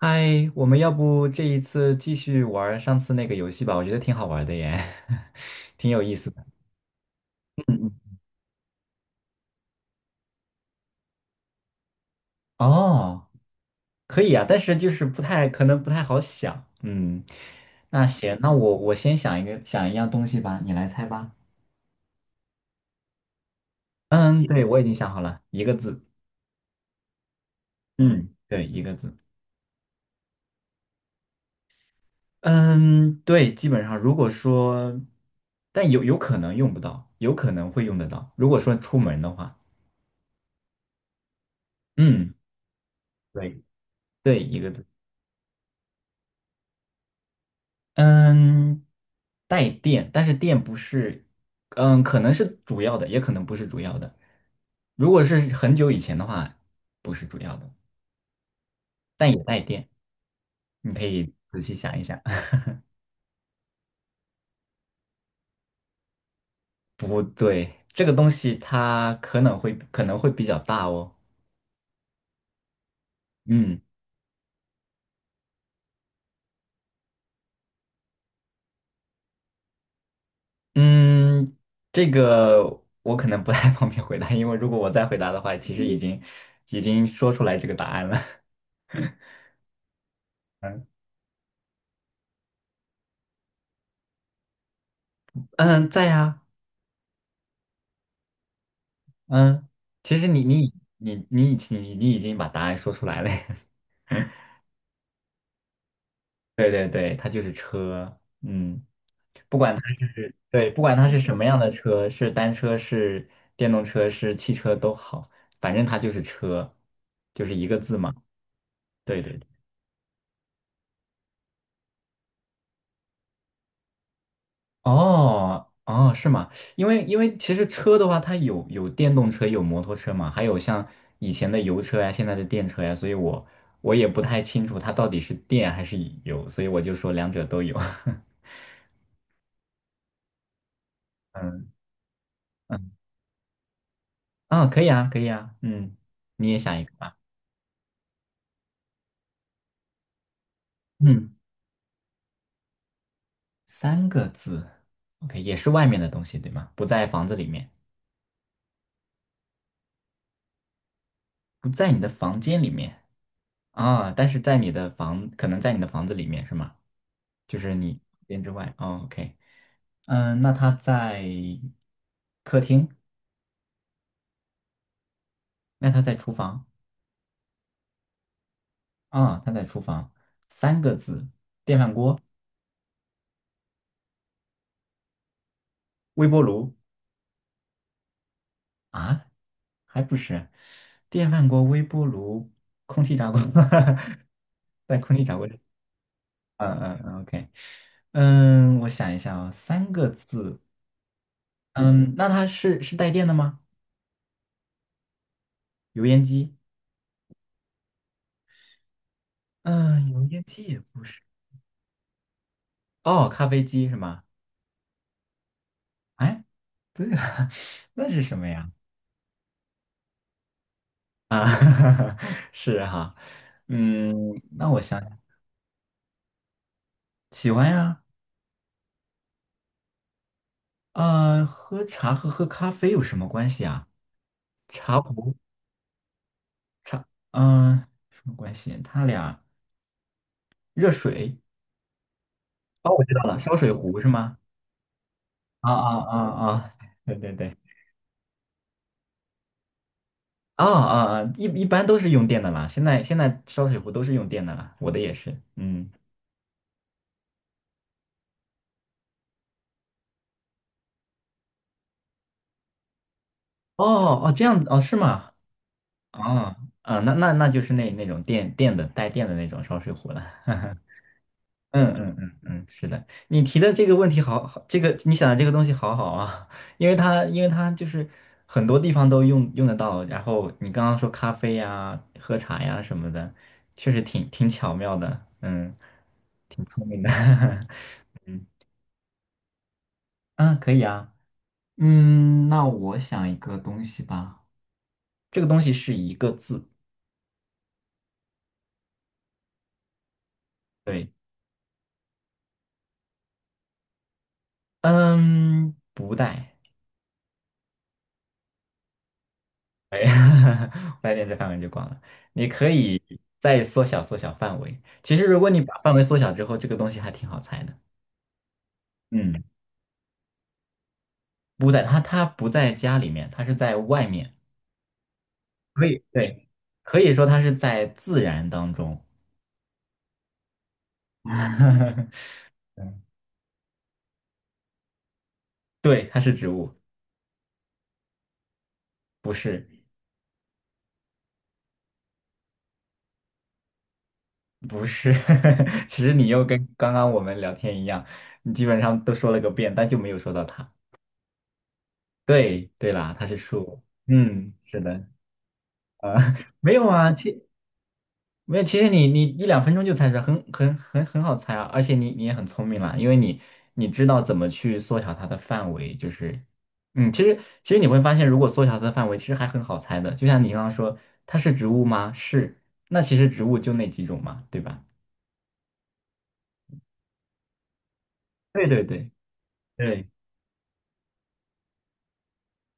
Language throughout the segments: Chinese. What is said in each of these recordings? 嗨，我们要不这一次继续玩儿上次那个游戏吧？我觉得挺好玩的耶，挺有意思的。嗯嗯。哦，可以啊，但是就是不太可能不太好想。嗯，那行，那我先想一个想一样东西吧，你来猜吧。嗯，对，我已经想好了，一个字。嗯，对，一个字。嗯，对，基本上如果说，但有可能用不到，有可能会用得到。如果说出门的话，嗯，对对，一个字。嗯，带电，但是电不是，嗯，可能是主要的，也可能不是主要的。如果是很久以前的话，不是主要的，但也带电。你可以仔细想一想。不对，这个东西它可能会比较大哦。嗯嗯，这个我可能不太方便回答，因为如果我再回答的话，其实已经说出来这个答案了。嗯嗯，在呀。嗯，其实你已经把答案说出来了。对对对，它就是车，嗯，不管对不管它是什么样的车，是单车是电动车是汽车都好，反正它就是车，就是一个字嘛。对对对。哦哦，是吗？因为其实车的话，它有电动车有摩托车嘛，还有像以前的油车呀，现在的电车呀，所以我也不太清楚它到底是电还是油，所以我就说两者都有。嗯嗯，啊，可以啊，可以啊，嗯，你也想一个吧。嗯，三个字，OK,也是外面的东西，对吗？不在房子里面，不在你的房间里面啊，但是在你的房，可能在你的房子里面是吗？就是你房间之外。哦，OK,嗯，那他在客厅，那他在厨房。啊，他在厨房，三个字，电饭锅、微波炉。啊，还不是，电饭锅、微波炉、空气炸锅。在空气炸锅里。嗯嗯嗯，OK,嗯，我想一下啊，三个字。嗯，那它是带电的吗？油烟机？嗯，油烟机也不是。哦，咖啡机是吗？哎，那是什么呀？啊，是哈，嗯，那我想想。喜欢呀，喝茶和喝咖啡有什么关系啊？茶壶，茶，嗯，什么关系？它俩。热水。哦，我知道了，烧水壶是吗？啊啊啊啊！对对对！啊啊啊！一般都是用电的啦，现在烧水壶都是用电的啦，我的也是。嗯，哦哦，这样子哦，是吗？啊啊，那那那就是那那种电电的带电的那种烧水壶了。嗯嗯嗯嗯，是的，你提的这个问题好好，这个你想的这个东西好好啊。因为它就是很多地方都用得到，然后你刚刚说咖啡呀、喝茶呀什么的，确实挺巧妙的，嗯，挺聪明的。嗯，可以啊，嗯，那我想一个东西吧，这个东西是一个字，对，嗯，不带。哎，白天这范围就广了。你可以再缩小缩小范围。其实，如果你把范围缩小之后，这个东西还挺好猜的。嗯，不在它，它不在家里面，它是在外面。可以，对，可以说它是在自然当中。对，它是植物。不是，不是。其实你又跟刚刚我们聊天一样，你基本上都说了个遍，但就没有说到它。对，对啦，它是树。嗯，是的，啊。没有啊，没有，其实你一两分钟就猜出来，很好猜啊，而且你也很聪明啦，因为你知道怎么去缩小它的范围，就是，嗯，其实你会发现，如果缩小它的范围，其实还很好猜的，就像你刚刚说，它是植物吗？是。那其实植物就那几种嘛，对吧？对对对对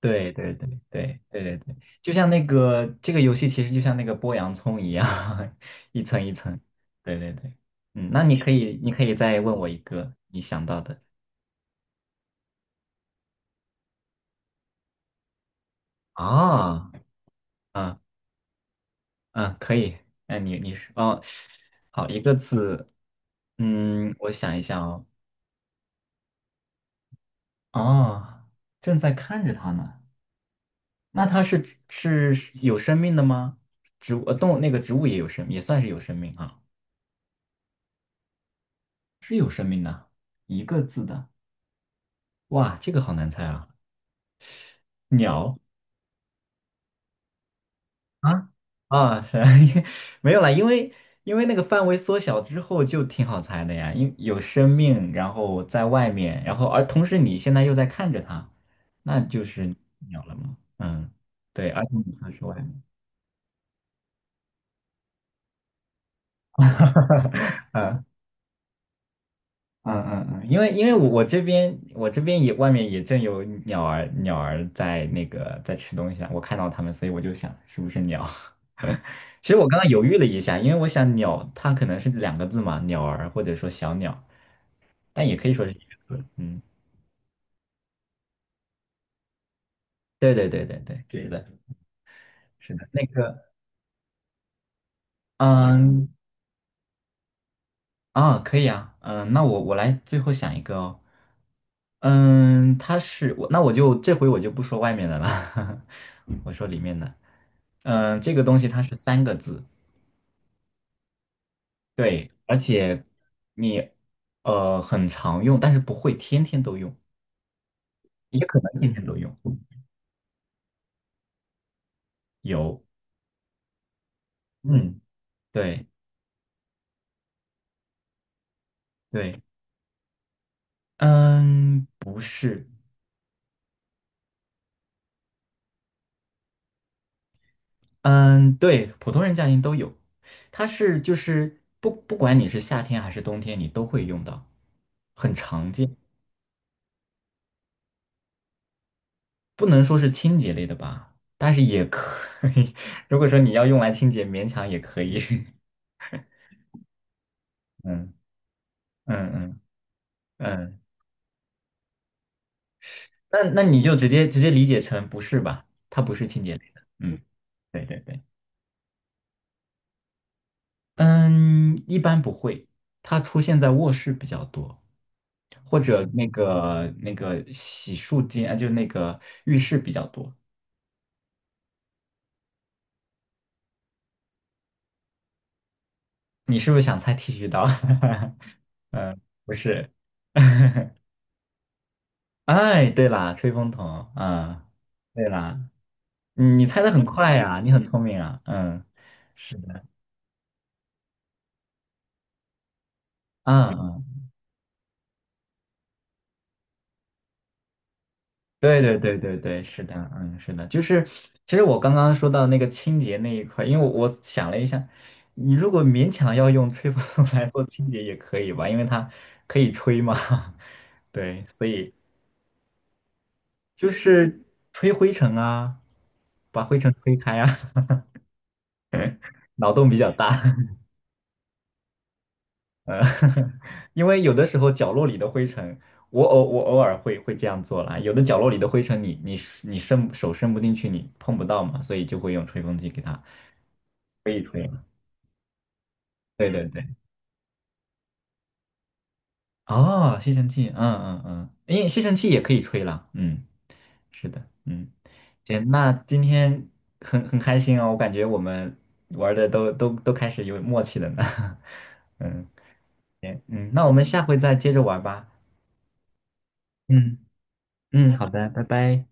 对对对对对对对，就像这个游戏，其实就像那个剥洋葱一样。一层一层。对对对。嗯，那你可以再问我一个你想到的。啊，嗯嗯，可以。那你你是哦，好，一个字，嗯，我想一下哦。哦，正在看着它呢。那它是有生命的吗？植物动物那个植物也有生，也算是有生命啊。一个字的，哇，这个好难猜啊。鸟。啊啊，是。 没有啦，因为那个范围缩小之后就挺好猜的呀，因有生命，然后在外面，然后而同时你现在又在看着它。那鸟了吗？嗯，对，而且你还说呀。嗯嗯嗯嗯，因为我这边也外面也正有鸟儿在那个在吃东西啊，我看到它们，所以我就想是不是鸟。其实我刚刚犹豫了一下，因为我想鸟它可能是两个字嘛，鸟儿或者说小鸟，但也可以说是一个字。嗯，对对对对对，是的，是的，嗯可以啊，嗯，那我来最后想一个哦。嗯，它是我，那我就这回我就不说外面的了。我说里面的。嗯，这个东西它是三个字，对，而且你很常用，但是不会天天都用，也可能天天都用。有，嗯，对对，嗯，不是，嗯，对，普通人家庭都有。它就是不管你是夏天还是冬天，你都会用到，很常见。不能说是清洁类的吧，但是也可以。如果说你要用来清洁，勉强也可以。嗯嗯嗯嗯，那你就直接理解成不是吧？它不是清洁类的。嗯，对对对，嗯，一般不会，它出现在卧室比较多，或者那个洗漱间，啊，就那个浴室比较多。你是不是想猜剃须刀？嗯，不是。哎，对啦，吹风筒啊，对啦，你猜的很快呀，你很聪明啊，嗯，是的，嗯嗯，对对对对对，是的，嗯，是的，就是其实我刚刚说到那个清洁那一块，因为我想了一下，你如果勉强要用吹风筒来做清洁也可以吧，因为它可以吹嘛。对，所以就是吹灰尘啊，把灰尘吹开啊。脑洞比较大，因为有的时候角落里的灰尘，我偶尔会这样做啦。有的角落里的灰尘你伸手伸不进去，你碰不到嘛，所以就会用吹风机给它。对对对，哦，吸尘器，嗯嗯嗯，因为吸尘器也可以吹啦。嗯，是的，嗯，行，那今天很开心哦，我感觉我们玩的都开始有默契了呢。嗯嗯，那我们下回再接着玩吧。嗯嗯，好的，拜拜。